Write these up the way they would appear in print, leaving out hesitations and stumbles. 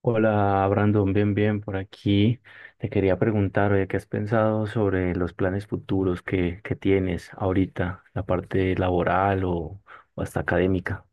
Hola Brandon, bien, bien, por aquí. Te quería preguntar, oye, ¿qué has pensado sobre los planes futuros que tienes ahorita, la parte laboral o hasta académica?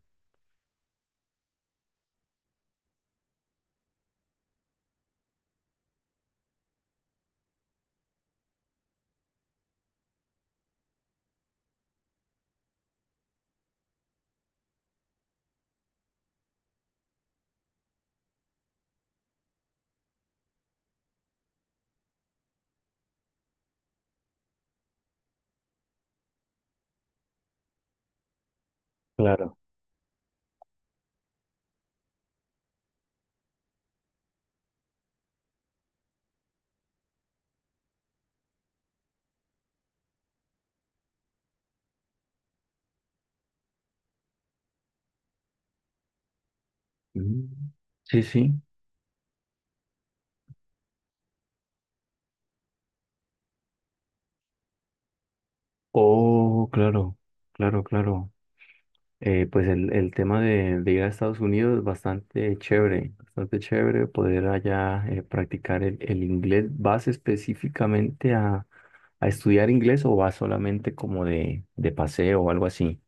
Claro. Mm. Sí, sí. Oh, claro, claro, claro. Pues el tema de ir a Estados Unidos es bastante chévere poder allá, practicar el inglés. ¿Vas específicamente a estudiar inglés o vas solamente como de paseo o algo así?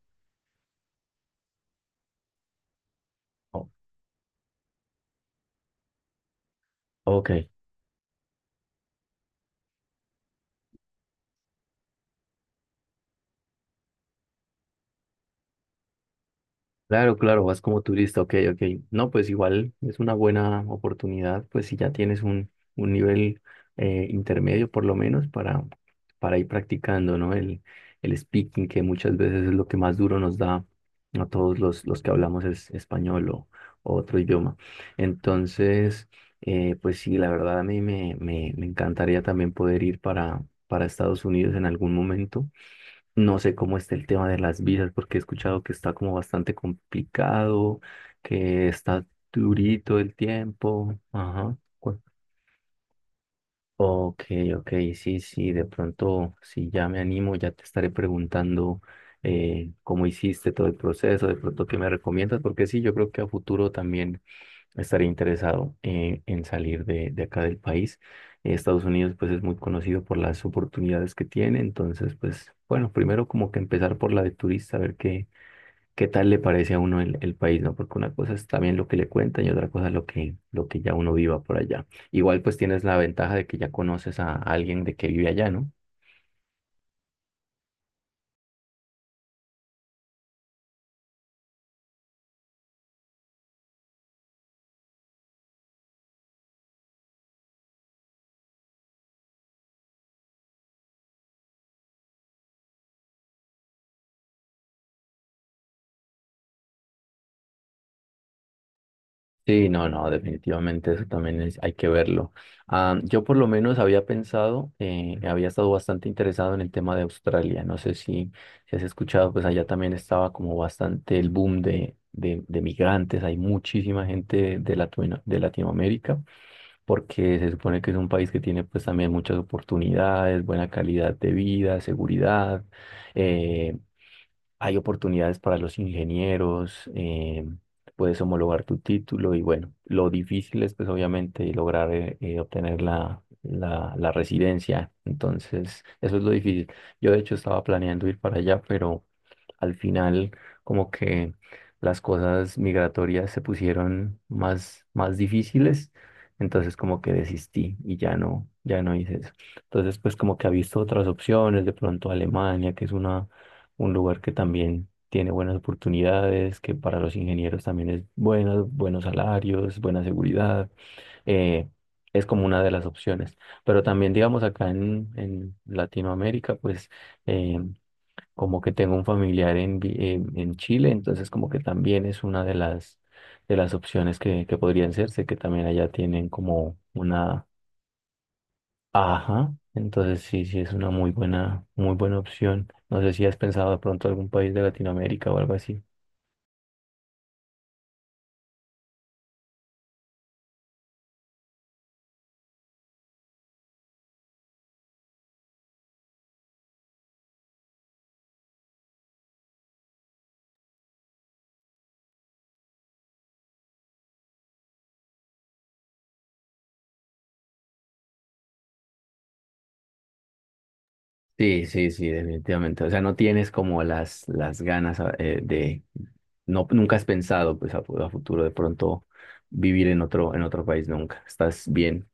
O- ok. Claro, claro, vas como turista, ok, ok. No, pues igual es una buena oportunidad, pues si ya tienes un nivel intermedio por lo menos para ir practicando, ¿no? El speaking, que muchas veces es lo que más duro nos da a todos los que hablamos es español o otro idioma. Entonces, pues sí, la verdad a mí me encantaría también poder ir para Estados Unidos en algún momento. No sé cómo está el tema de las visas, porque he escuchado que está como bastante complicado, que está durito el tiempo. Ajá. Ok, ok, sí, sí, de pronto, si ya me animo, ya te estaré preguntando, cómo hiciste todo el proceso, de pronto qué me recomiendas, porque sí, yo creo que a futuro también estaría interesado, en salir de acá del país. Estados Unidos pues es muy conocido por las oportunidades que tiene, entonces pues bueno, primero como que empezar por la de turista, a ver qué tal le parece a uno el país, ¿no? Porque una cosa es también lo que le cuentan y otra cosa lo que ya uno viva por allá. Igual pues tienes la ventaja de que ya conoces a alguien de que vive allá, ¿no? Sí, no, no, definitivamente eso también es, hay que verlo. Ah, yo por lo menos había pensado, había estado bastante interesado en el tema de Australia. No sé si has escuchado, pues allá también estaba como bastante el boom de migrantes. Hay muchísima gente de Latinoamérica porque se supone que es un país que tiene pues también muchas oportunidades, buena calidad de vida, seguridad. eh, Hay oportunidades para los ingenieros, puedes homologar tu título y bueno, lo difícil es pues obviamente lograr, obtener la residencia. Entonces, eso es lo difícil. Yo de hecho estaba planeando ir para allá, pero al final como que las cosas migratorias se pusieron más, más difíciles, entonces como que desistí y ya no hice eso. Entonces, pues como que ha visto otras opciones, de pronto Alemania, que es una un lugar que también tiene buenas oportunidades, que para los ingenieros también es bueno, buenos salarios, buena seguridad, eh, es como una de las opciones. Pero también, digamos, acá en Latinoamérica, pues, eh, como que tengo un familiar en Chile, entonces como que también es una de las opciones que podrían serse, que también allá tienen como una. Ajá, entonces sí, sí es una muy buena opción. No sé si has pensado de pronto algún país de Latinoamérica o algo así. Sí, sí, sí, definitivamente. O sea, no tienes como las ganas, no, nunca has pensado pues a futuro de pronto vivir en otro país nunca. Estás bien.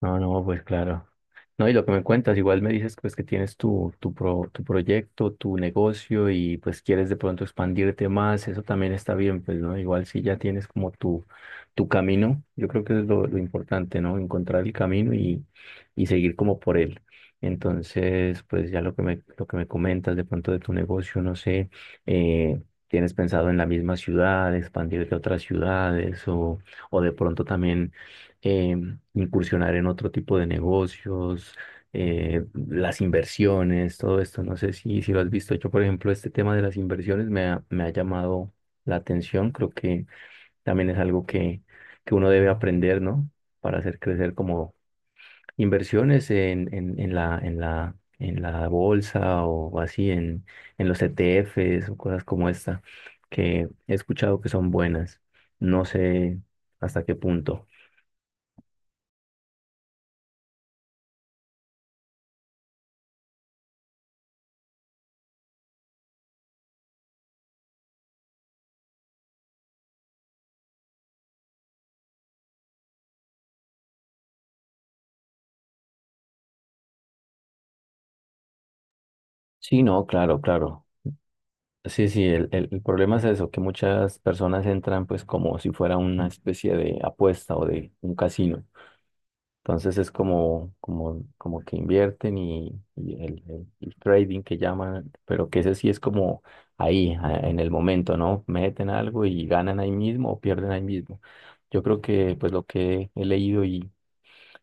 No, no, pues claro. No, y lo que me cuentas, igual me dices pues que tienes tu proyecto, tu negocio y pues quieres de pronto expandirte más, eso también está bien, pues, ¿no? Igual si ya tienes como tu camino, yo creo que es lo importante, ¿no? Encontrar el camino y seguir como por él. Entonces, pues ya lo que me comentas de pronto de tu negocio, no sé. eh, ¿Tienes pensado en la misma ciudad, expandirte a otras ciudades o de pronto también, incursionar en otro tipo de negocios, las inversiones, todo esto? No sé si lo has visto. Yo, por ejemplo, este tema de las inversiones me ha llamado la atención. Creo que también es algo que uno debe aprender, ¿no? Para hacer crecer como inversiones en la bolsa o así, en los ETFs o cosas como esta, que he escuchado que son buenas. No sé hasta qué punto. Sí, no, claro, claro. Sí, sí, el problema es eso, que muchas personas entran pues como si fuera una especie de apuesta o de un casino. Entonces es como que invierten y el trading que llaman, pero que ese sí es como ahí, en el momento, ¿no? Meten algo y ganan ahí mismo o pierden ahí mismo. Yo creo que pues lo que he leído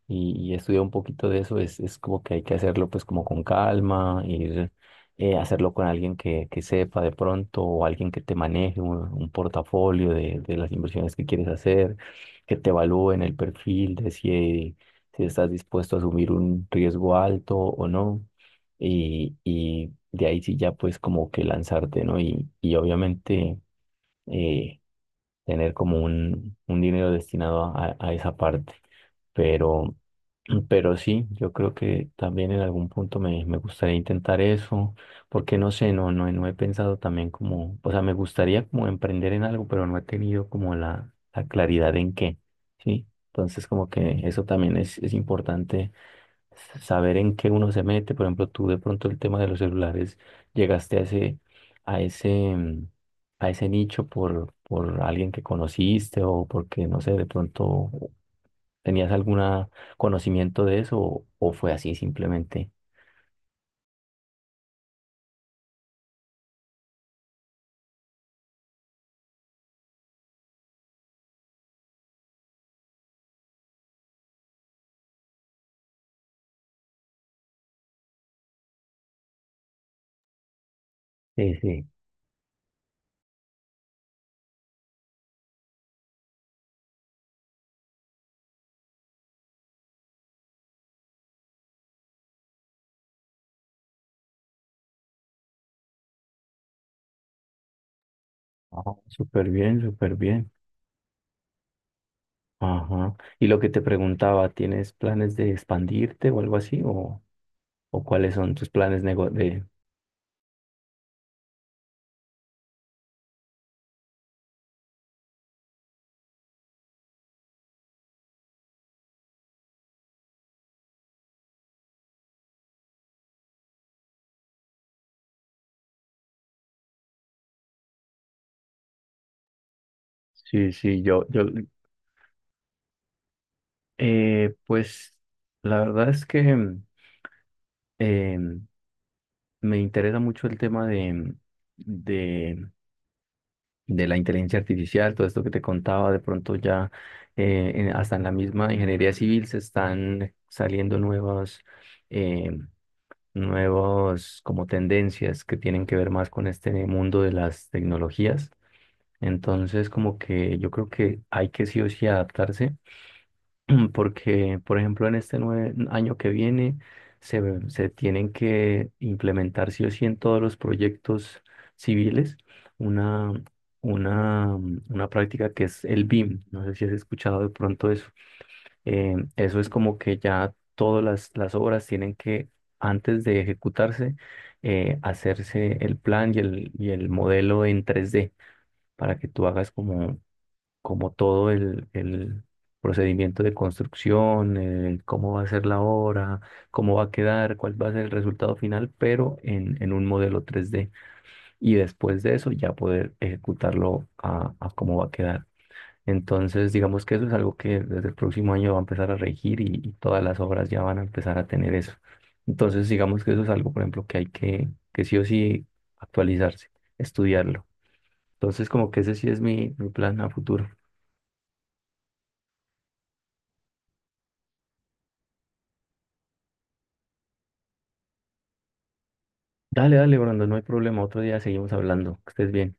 y estudiar un poquito de eso es como que hay que hacerlo pues como con calma, ir, hacerlo con alguien que sepa de pronto o alguien que te maneje un portafolio de las inversiones que quieres hacer, que te evalúen el perfil de si estás dispuesto a asumir un riesgo alto o no. Y de ahí sí ya pues como que lanzarte, ¿no? Y obviamente, eh, tener como un dinero destinado a esa parte. Pero, pero sí, yo creo que también en algún punto me gustaría intentar eso, porque no sé, no he pensado también, como, o sea, me gustaría como emprender en algo, pero no he tenido como la claridad en qué, ¿sí? Entonces como que eso también es importante saber en qué uno se mete. Por ejemplo, tú de pronto, el tema de los celulares, ¿llegaste a ese, mm, a ese nicho por alguien que conociste o porque, no sé, de pronto tenías algún conocimiento de eso, o fue así simplemente? Sí, sí. Ah, súper bien, súper bien. Ajá. Y lo que te preguntaba, ¿tienes planes de expandirte o algo así? ¿O cuáles son tus planes de? Sí, sí, yo, pues la verdad es que, me interesa mucho el tema de de la inteligencia artificial, todo esto que te contaba, de pronto ya, hasta en la misma ingeniería civil se están saliendo eh, nuevas como tendencias que tienen que ver más con este mundo de las tecnologías. Entonces, como que yo creo que hay que sí o sí adaptarse porque, por ejemplo, en este año que viene se tienen que implementar sí o sí en todos los proyectos civiles una, una práctica que es el BIM. No sé si has escuchado de pronto eso. Eso es como que ya todas las obras tienen que, antes de ejecutarse, hacerse el plan y el modelo en 3D para que tú hagas como todo el procedimiento de construcción, cómo va a ser la obra, cómo va a quedar, cuál va a ser el resultado final, pero en un modelo 3D. Y después de eso ya poder ejecutarlo a cómo va a quedar. Entonces, digamos que eso es algo que desde el próximo año va a empezar a regir y todas las obras ya van a empezar a tener eso. Entonces, digamos que eso es algo, por ejemplo, que hay que sí o sí actualizarse, estudiarlo. Entonces, como que ese sí es mi plan a futuro. Dale, dale, Brandon, no hay problema. Otro día seguimos hablando. Que estés bien.